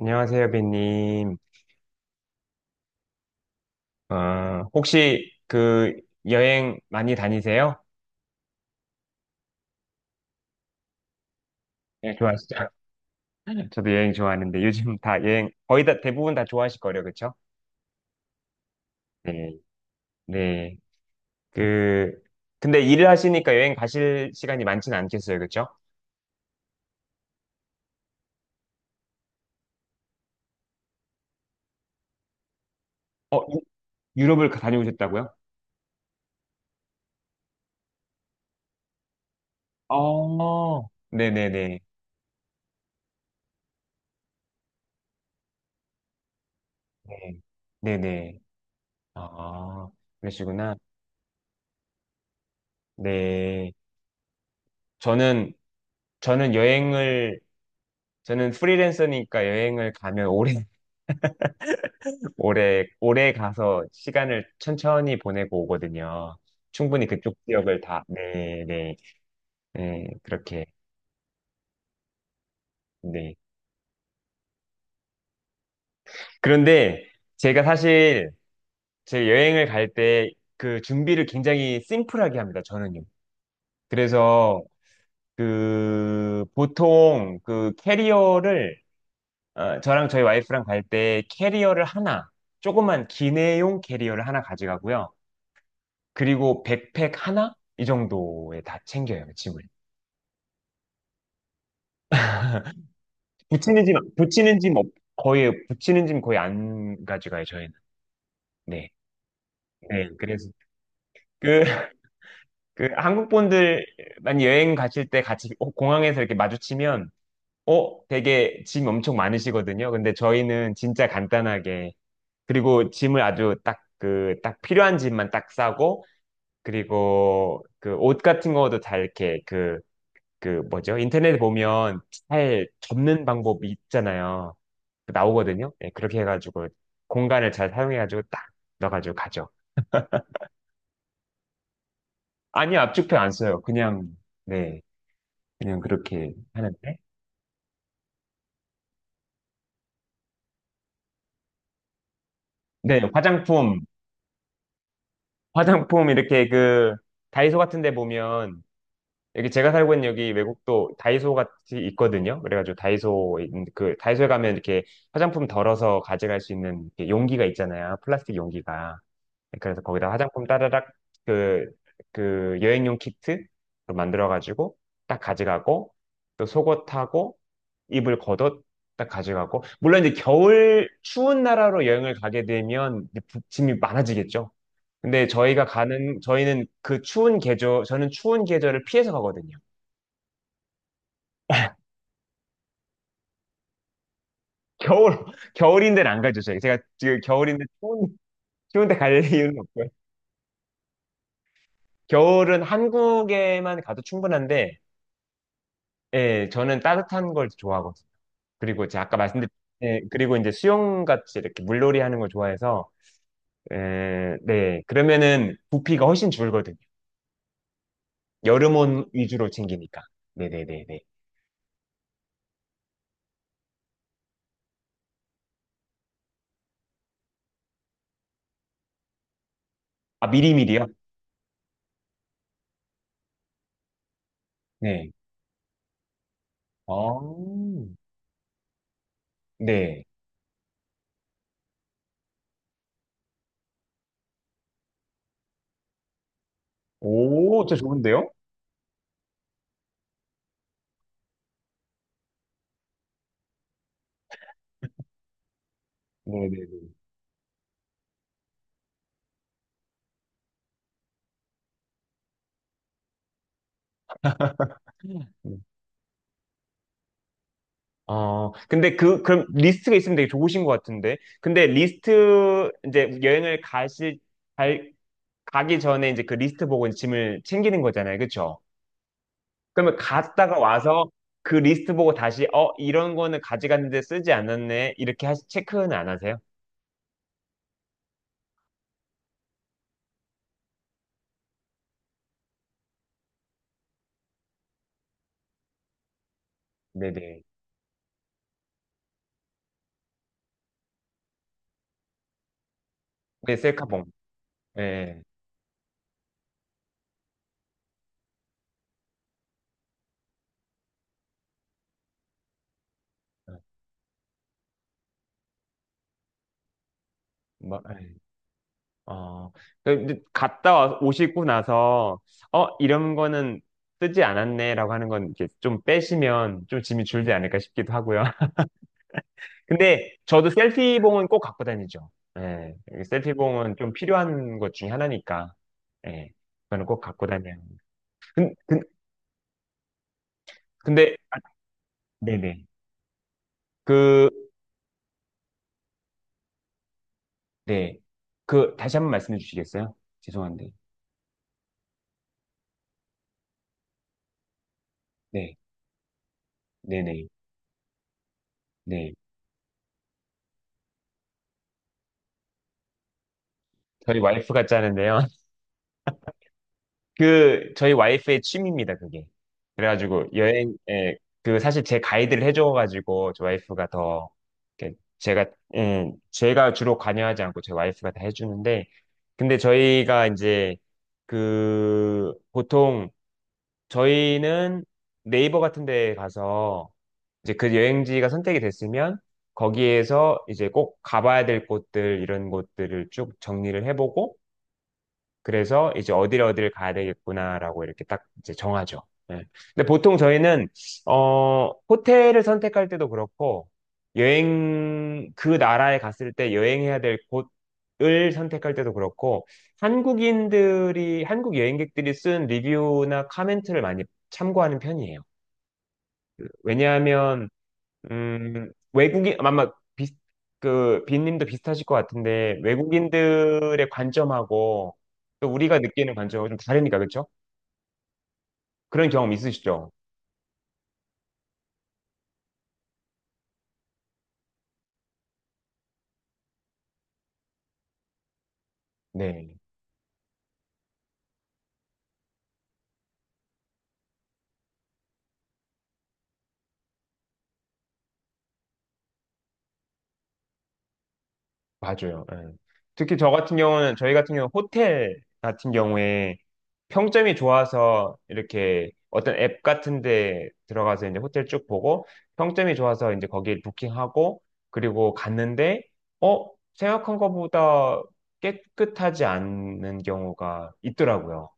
안녕하세요, 비님. 어, 혹시 그 여행 많이 다니세요? 네, 좋아하시죠? 저도 여행 좋아하는데 요즘 다 여행 거의 다 대부분 다 좋아하실 거예요, 그렇죠? 네, 네. 그 근데 일을 하시니까 여행 가실 시간이 많지는 않겠어요, 그렇죠? 어, 유- 유럽을 다녀오셨다고요? 어, 네네네. 네, 네네. 아, 그러시구나. 네. 저는, 저는 여행을 저는 프리랜서니까 여행을 가면 오래 가서 시간을 천천히 보내고 오거든요. 충분히 그쪽 지역을 다, 네, 네, 네, 그렇게, 네. 그런데 제가 사실 제 여행을 갈 때 준비를 굉장히 심플하게 합니다, 저는요. 그래서 보통 캐리어를, 저랑 저희 와이프랑 갈 때 캐리어를 하나, 조그만 기내용 캐리어를 하나 가져가고요. 그리고 백팩 하나? 이 정도에 다 챙겨요, 짐을. 붙이는 짐 붙이는 짐 거의 안 가져가요, 저희는. 네. 네, 그래서 그, 그 한국 분들만 여행 가실 때 같이 공항에서 이렇게 마주치면, 되게 짐 엄청 많으시거든요. 근데 저희는 진짜 간단하게, 그리고 짐을 아주 딱 필요한 짐만 딱 싸고, 그리고 그 옷 같은 거도 다 이렇게 그 뭐죠? 인터넷에 보면 잘 접는 방법이 있잖아요. 그 나오거든요. 예, 그렇게 해가지고 공간을 잘 사용해가지고 딱 넣어가지고 가죠. 아니, 요 압축팩 안 써요. 그냥 네, 그냥 그렇게 하는데. 네, 화장품, 화장품 이렇게 다이소 같은 데 보면 여기 제가 살고 있는 여기 외국도 다이소 같이 있거든요. 그래가지고 다이소에 가면 이렇게 화장품 덜어서 가져갈 수 있는 이렇게 용기가 있잖아요. 플라스틱 용기가. 그래서 거기다 화장품 따다닥 그, 그 여행용 키트 만들어가지고 딱 가져가고 또 속옷하고 입을 겉옷 딱 가져가고 물론 이제 겨울 추운 나라로 여행을 가게 되면 이제 짐이 많아지겠죠. 근데 저희가 가는 저희는 그 추운 계절 저는 추운 계절을 피해서 가거든요. 겨울 겨울인데는 안 가죠. 저희 제가 지금 겨울인데 추운데 갈 이유는 없고요. 겨울은 한국에만 가도 충분한데 예, 저는 따뜻한 걸 좋아하거든요. 그리고 이제 아까 말씀드린, 예, 그리고 이제 수영같이 이렇게 물놀이 하는 걸 좋아해서, 예, 네. 그러면은 부피가 훨씬 줄거든요. 여름 옷 위주로 챙기니까. 네네네네. 아, 미리미리요? 네. 어, 네. 오, 저 좋은데요? 네네네. 근데 그럼 리스트가 있으면 되게 좋으신 것 같은데. 근데 리스트, 이제 갈, 가기 전에 이제 그 리스트 보고 짐을 챙기는 거잖아요. 그쵸? 그러면 갔다가 와서 그 리스트 보고 다시 이런 거는 가져갔는데 쓰지 않았네 이렇게 체크는 안 하세요? 네네. 네 셀카봉. 예. 예. 어, 뭐, 예. 어. 근데 오시고 나서 이런 거는 쓰지 않았네라고 하는 건 이렇게 좀 빼시면 좀 짐이 줄지 않을까 싶기도 하고요. 근데 저도 셀피봉은 꼭 갖고 다니죠. 예. 셀피봉은 좀 필요한 것 중에 하나니까. 예. 저는 꼭 갖고 다녀요. 근, 근, 근데 네네. 그, 네. 다시 한 번 말씀해 주시겠어요? 죄송한데. 네. 네네. 네. 저희 와이프가 짜는데요. 그, 저희 와이프의 취미입니다, 그게. 그래가지고, 여행, 예, 사실 제 가이드를 해줘가지고, 저 와이프가 더, 이렇게 제가, 예, 제가 주로 관여하지 않고 제 와이프가 다 해주는데, 근데 저희가 이제, 그, 보통, 저희는 네이버 같은 데 가서, 이제 그 여행지가 선택이 됐으면 거기에서 이제 꼭 가봐야 될 곳들 이런 곳들을 쭉 정리를 해보고 그래서 이제 어디를 가야 되겠구나라고 이렇게 딱 이제 정하죠. 예. 근데 보통 저희는 호텔을 선택할 때도 그렇고 여행 그 나라에 갔을 때 여행해야 될 곳을 선택할 때도 그렇고 한국 여행객들이 쓴 리뷰나 카멘트를 많이 참고하는 편이에요. 왜냐하면 외국인, 아, 아마 비슷, 그, 빈님도 비슷하실 것 같은데, 외국인들의 관점하고 또 우리가 느끼는 관점하고 좀 다르니까, 그렇죠? 그런 경험 있으시죠? 네. 맞아요. 예. 특히 저 같은 경우는 저희 같은 경우 호텔 같은 경우에 평점이 좋아서 이렇게 어떤 앱 같은 데 들어가서 이제 호텔 쭉 보고 평점이 좋아서 이제 거기에 부킹하고 그리고 갔는데 어 생각한 것보다 깨끗하지 않은 경우가 있더라고요.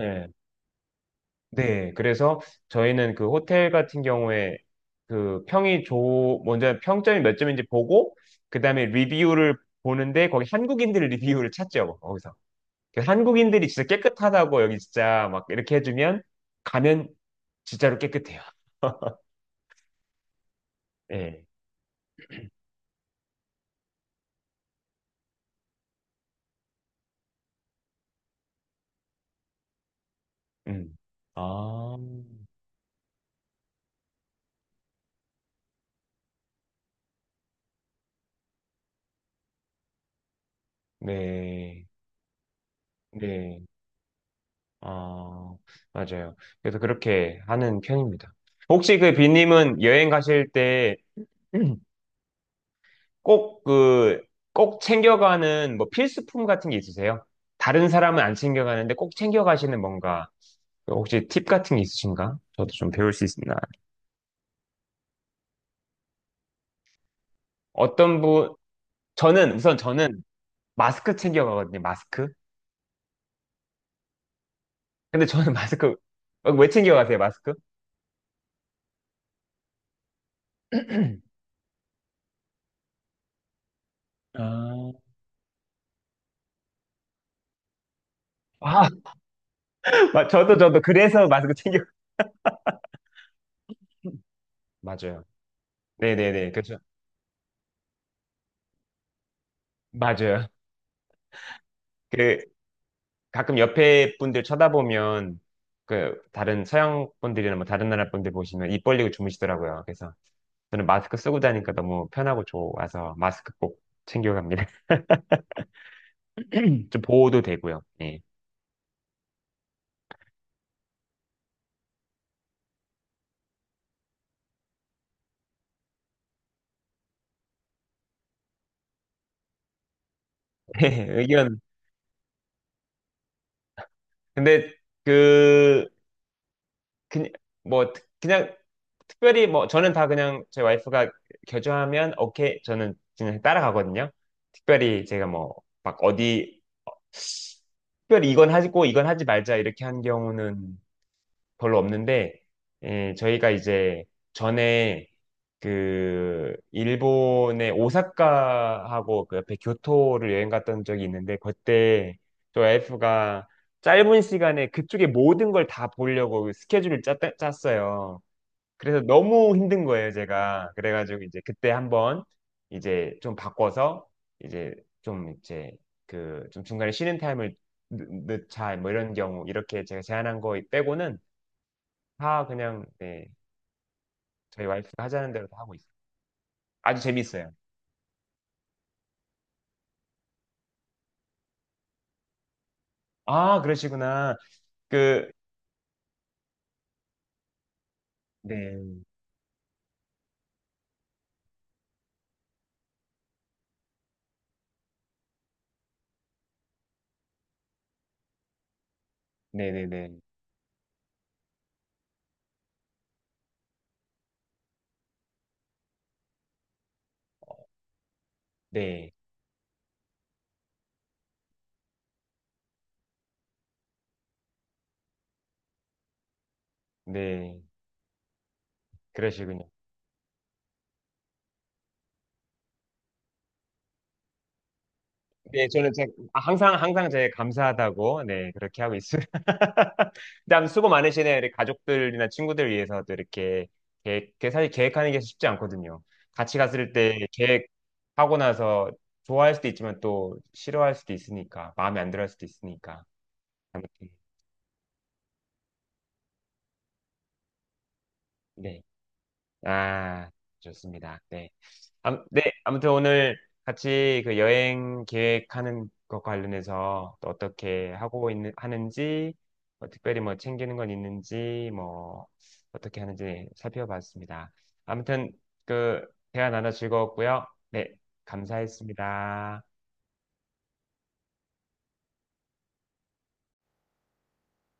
예. 네, 그래서 저희는 그 호텔 같은 경우에 먼저 평점이 몇 점인지 보고, 그 다음에 리뷰를 보는데 거기 한국인들 리뷰를 찾죠, 거기서. 그 한국인들이 진짜 깨끗하다고 여기 진짜 막 이렇게 해주면 가면 진짜로 깨끗해요. 네. 음. 아, 네. 네. 아, 맞아요. 그래서 그렇게 하는 편입니다. 혹시 비님은 여행 가실 때 꼭 그, 꼭 챙겨가는 뭐 필수품 같은 게 있으세요? 다른 사람은 안 챙겨가는데 꼭 챙겨가시는 뭔가, 혹시 팁 같은 게 있으신가? 저도 좀 배울 수 있습니다. 어떤 분, 저는 마스크 챙겨가거든요, 마스크. 근데 저는 왜 챙겨가세요, 마스크? 아, 아, 저도, 그래서 마스크 챙겨. 맞아요. 네네네, 그렇죠. 맞아요. 그, 가끔 옆에 분들 쳐다보면 그 다른 서양 분들이나 뭐 다른 나라 분들 보시면 입 벌리고 주무시더라고요. 그래서 저는 마스크 쓰고 다니니까 너무 편하고 좋아서 마스크 꼭 챙겨갑니다. 좀 보호도 되고요. 예. 의견. 근데 그, 그, 뭐, 그냥 특별히 뭐 저는 다 그냥 제 와이프가 겨주하면 오케이 저는 그냥 따라가거든요. 특별히 제가 뭐 막 어디 특별히 이건 하고 이건 하지 말자 이렇게 한 경우는 별로 없는데, 예, 저희가 이제 전에 그 일본의 오사카하고 그 옆에 교토를 여행 갔던 적이 있는데, 그때 저 와이프가 짧은 시간에 그쪽에 모든 걸 다 보려고 그 스케줄을 짰어요. 그래서 너무 힘든 거예요, 제가. 그래가지고 이제 그때 한번 이제 좀 바꿔서 이제 좀 좀 중간에 쉬는 타임을 넣자 뭐 이런 경우 이렇게 제가 제안한 거 빼고는 다 그냥 네 저희 와이프가 하자는 대로 다 하고 있어요. 아주 재밌어요. 아 그러시구나. 그 네, 네, 네, 네, 네, 네, 그러시군요. 네, 항상 항상 제 감사하다고 네 그렇게 하고 있습니다. 참 수고 많으시네요. 우리 가족들이나 친구들 위해서도 이렇게 계획, 그 사실 계획하는 게 쉽지 않거든요. 같이 갔을 때 계획하고 나서 좋아할 수도 있지만 또 싫어할 수도 있으니까 마음에 안 들어 할 수도 있으니까 아무튼 네. 아, 좋습니다. 네. 네, 아무튼 오늘 같이 그 여행 계획하는 것 관련해서 또 하는지, 뭐 특별히 뭐 챙기는 건 있는지, 뭐 어떻게 하는지 살펴봤습니다. 아무튼 그 대화 나눠 즐거웠고요. 네, 감사했습니다.